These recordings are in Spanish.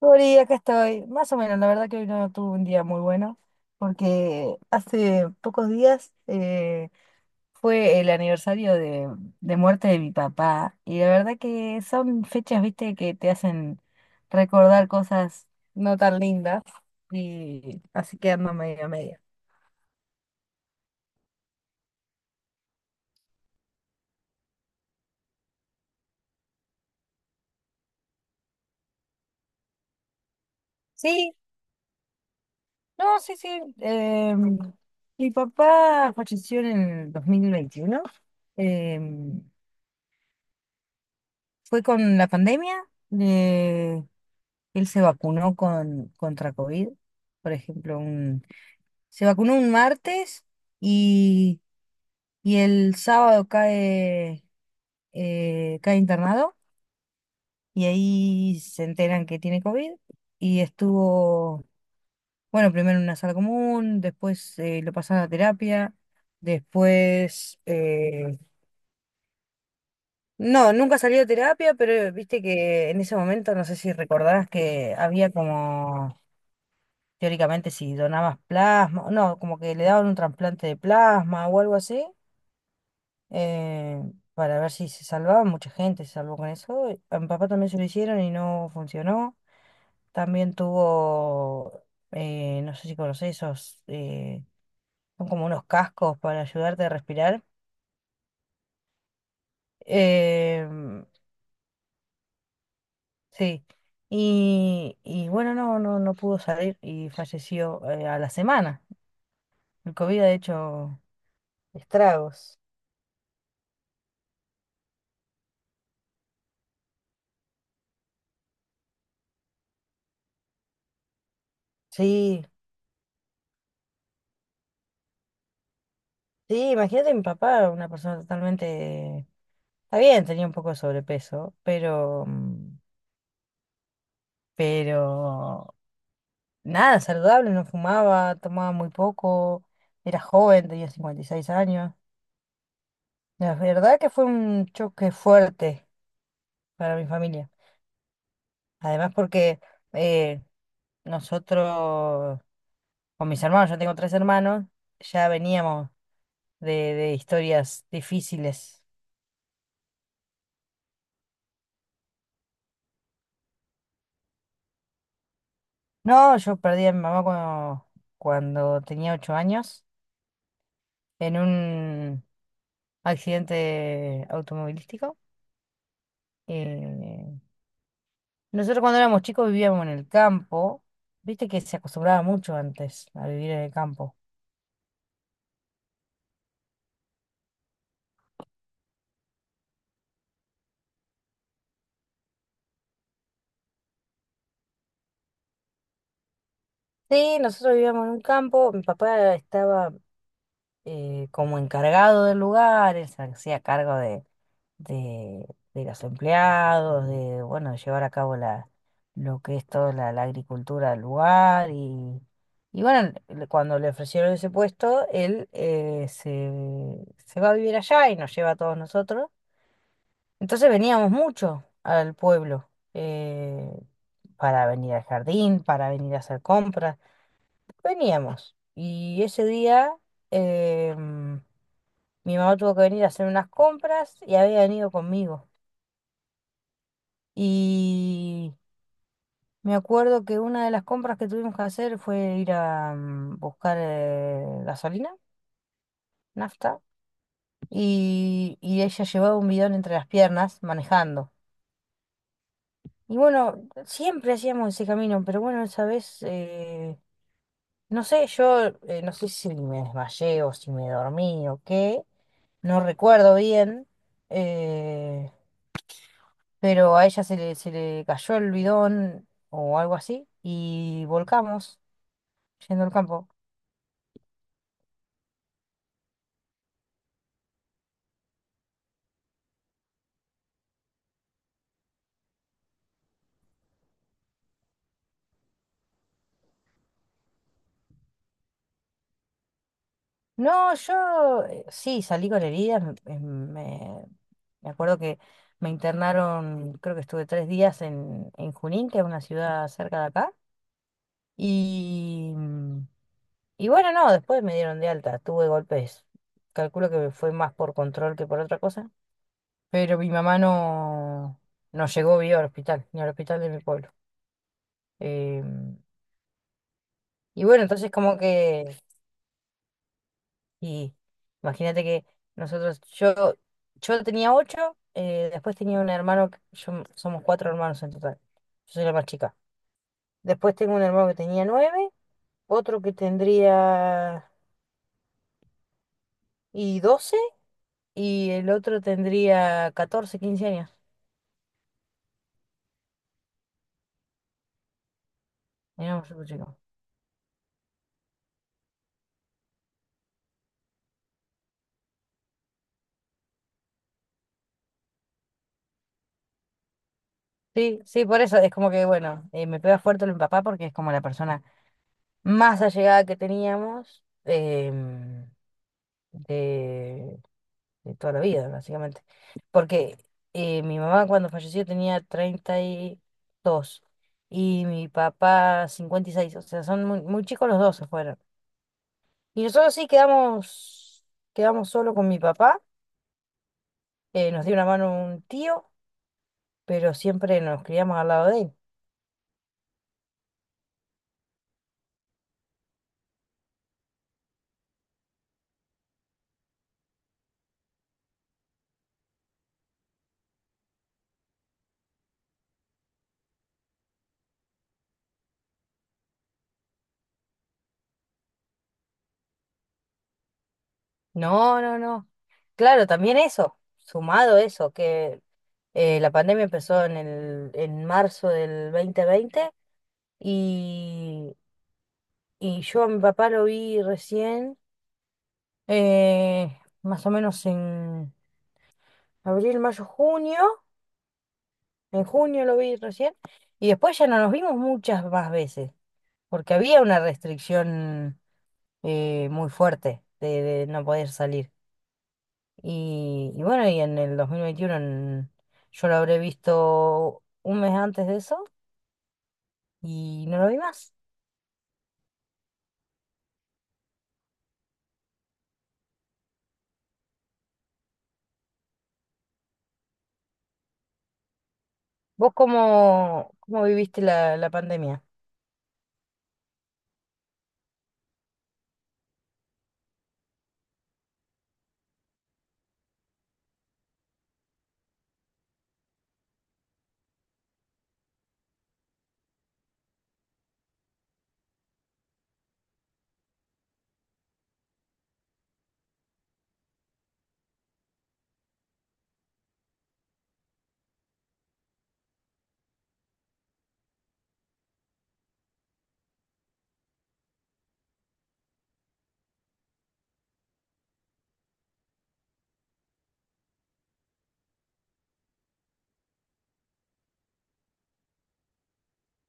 Sorry, acá estoy. Más o menos, la verdad que hoy no tuve un día muy bueno, porque hace pocos días fue el aniversario de muerte de mi papá. Y la verdad que son fechas, viste, que te hacen recordar cosas no tan lindas. Y así que ando media media. Sí, no, sí, sí. Mi papá falleció en el 2021. em, Fue con la pandemia. Él se vacunó contra COVID, por ejemplo, se vacunó un martes y, y el sábado cae, cae internado y ahí se enteran que tiene COVID y estuvo, bueno, primero en una sala común, después lo pasaron a terapia, después, no, nunca salió de terapia, pero viste que en ese momento, no sé si recordarás que había como teóricamente si donabas plasma, no, como que le daban un trasplante de plasma o algo así, eh, para ver si se salvaba, mucha gente se salvó con eso. A mi papá también se lo hicieron y no funcionó. También tuvo, no sé si conocés esos, son como unos cascos para ayudarte a respirar. Em, sí. Y bueno, no, no, no pudo salir y falleció a la semana. El COVID ha hecho estragos. Sí, sí, imagínate mi papá, una persona totalmente... Está bien, tenía un poco de sobrepeso, pero... pero... Nada, saludable, no fumaba, tomaba muy poco, era joven, tenía 56 años. La verdad que fue un choque fuerte para mi familia. Además porque eh, nosotros, con mis hermanos, yo tengo tres hermanos, ya veníamos de historias difíciles. No, yo perdí a mi mamá cuando, cuando tenía 8 años. En un accidente automovilístico. Eh, Nosotros cuando éramos chicos vivíamos en el campo. Viste que se acostumbraba mucho antes a vivir en el campo. Sí, nosotros vivíamos en un campo. Mi papá estaba como encargado del lugar, él se hacía cargo de, de los empleados, de bueno, llevar a cabo lo que es toda la agricultura del lugar. Y bueno, cuando le ofrecieron ese puesto, él se va a vivir allá y nos lleva a todos nosotros. Entonces veníamos mucho al pueblo, para venir al jardín, para venir a hacer compras. Veníamos. Y ese día em, mi mamá tuvo que venir a hacer unas compras y había venido conmigo. Y me acuerdo que una de las compras que tuvimos que hacer fue ir a buscar gasolina, nafta, y ella llevaba un bidón entre las piernas manejando. Y bueno, siempre hacíamos ese camino, pero bueno, esa vez, no sé, yo no sé si me desmayé o si me dormí o qué, no recuerdo bien. eh, pero a ella se le cayó el bidón o algo así y volcamos yendo al campo. No, yo sí salí con heridas, me acuerdo que me internaron, creo que estuve 3 días en Junín, que es una ciudad cerca de acá, y, mm, y bueno, no, después me dieron de alta, tuve golpes, calculo que fue más por control que por otra cosa, pero mi mamá no, no llegó viva al hospital, ni al hospital de mi pueblo. Em, Y bueno, entonces como que, y imagínate que nosotros, yo tenía 8, después tenía un hermano, somos cuatro hermanos en total, yo soy la más chica. Después tengo un hermano que tenía 9, otro que tendría y 12, y el otro tendría 14, 15 años. Éramos súper chicos. Sí, sí, por eso es como que, bueno, me pega fuerte lo de mi papá porque es como la persona más allegada que teníamos. De, de toda la vida, básicamente. Porque mi mamá cuando falleció tenía 32 y mi papá 56, o sea, son muy, muy chicos los dos se fueron. Y nosotros sí quedamos, quedamos solo con mi papá, nos dio una mano un tío, pero siempre nos criamos al lado de él. No, no, no. Claro, también eso, sumado eso, que la pandemia empezó en el, en marzo del 2020 y... Y yo a mi papá lo vi recién, más o menos en abril, mayo, junio. En junio lo vi recién. Y después ya no nos vimos muchas más veces, porque había una restricción muy fuerte de no poder salir. Y bueno, y en el 2021 en-, yo lo habré visto un mes antes de eso y no lo vi más. ¿Vos cómo, cómo viviste la, la pandemia?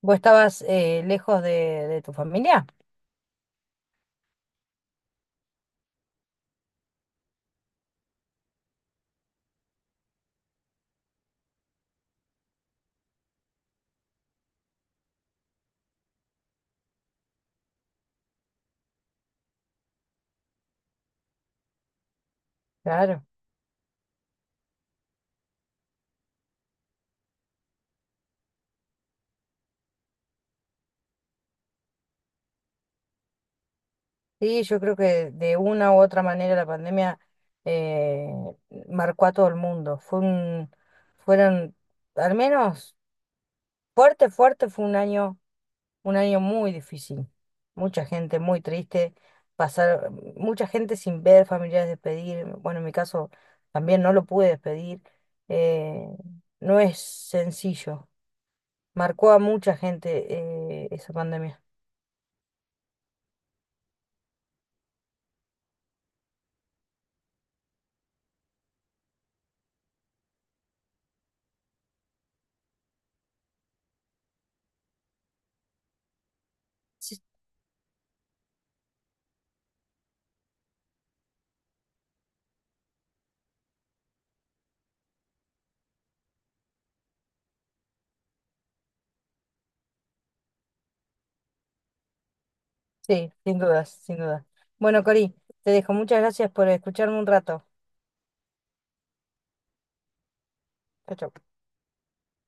¿Vos estabas lejos de tu familia? Claro, sí, yo creo que de una u otra manera la pandemia eh, marcó a todo el mundo. Fue un, fueron, al menos fuerte, fuerte, fue un año muy difícil. Mucha gente muy triste, pasar, mucha gente sin ver familiares despedir. Bueno, en mi caso también no lo pude despedir. Eh, no es sencillo. Marcó a mucha gente, esa pandemia. Sí, sin dudas, sin dudas. Bueno, Cori, te dejo. Muchas gracias por escucharme un rato. Chau, chau.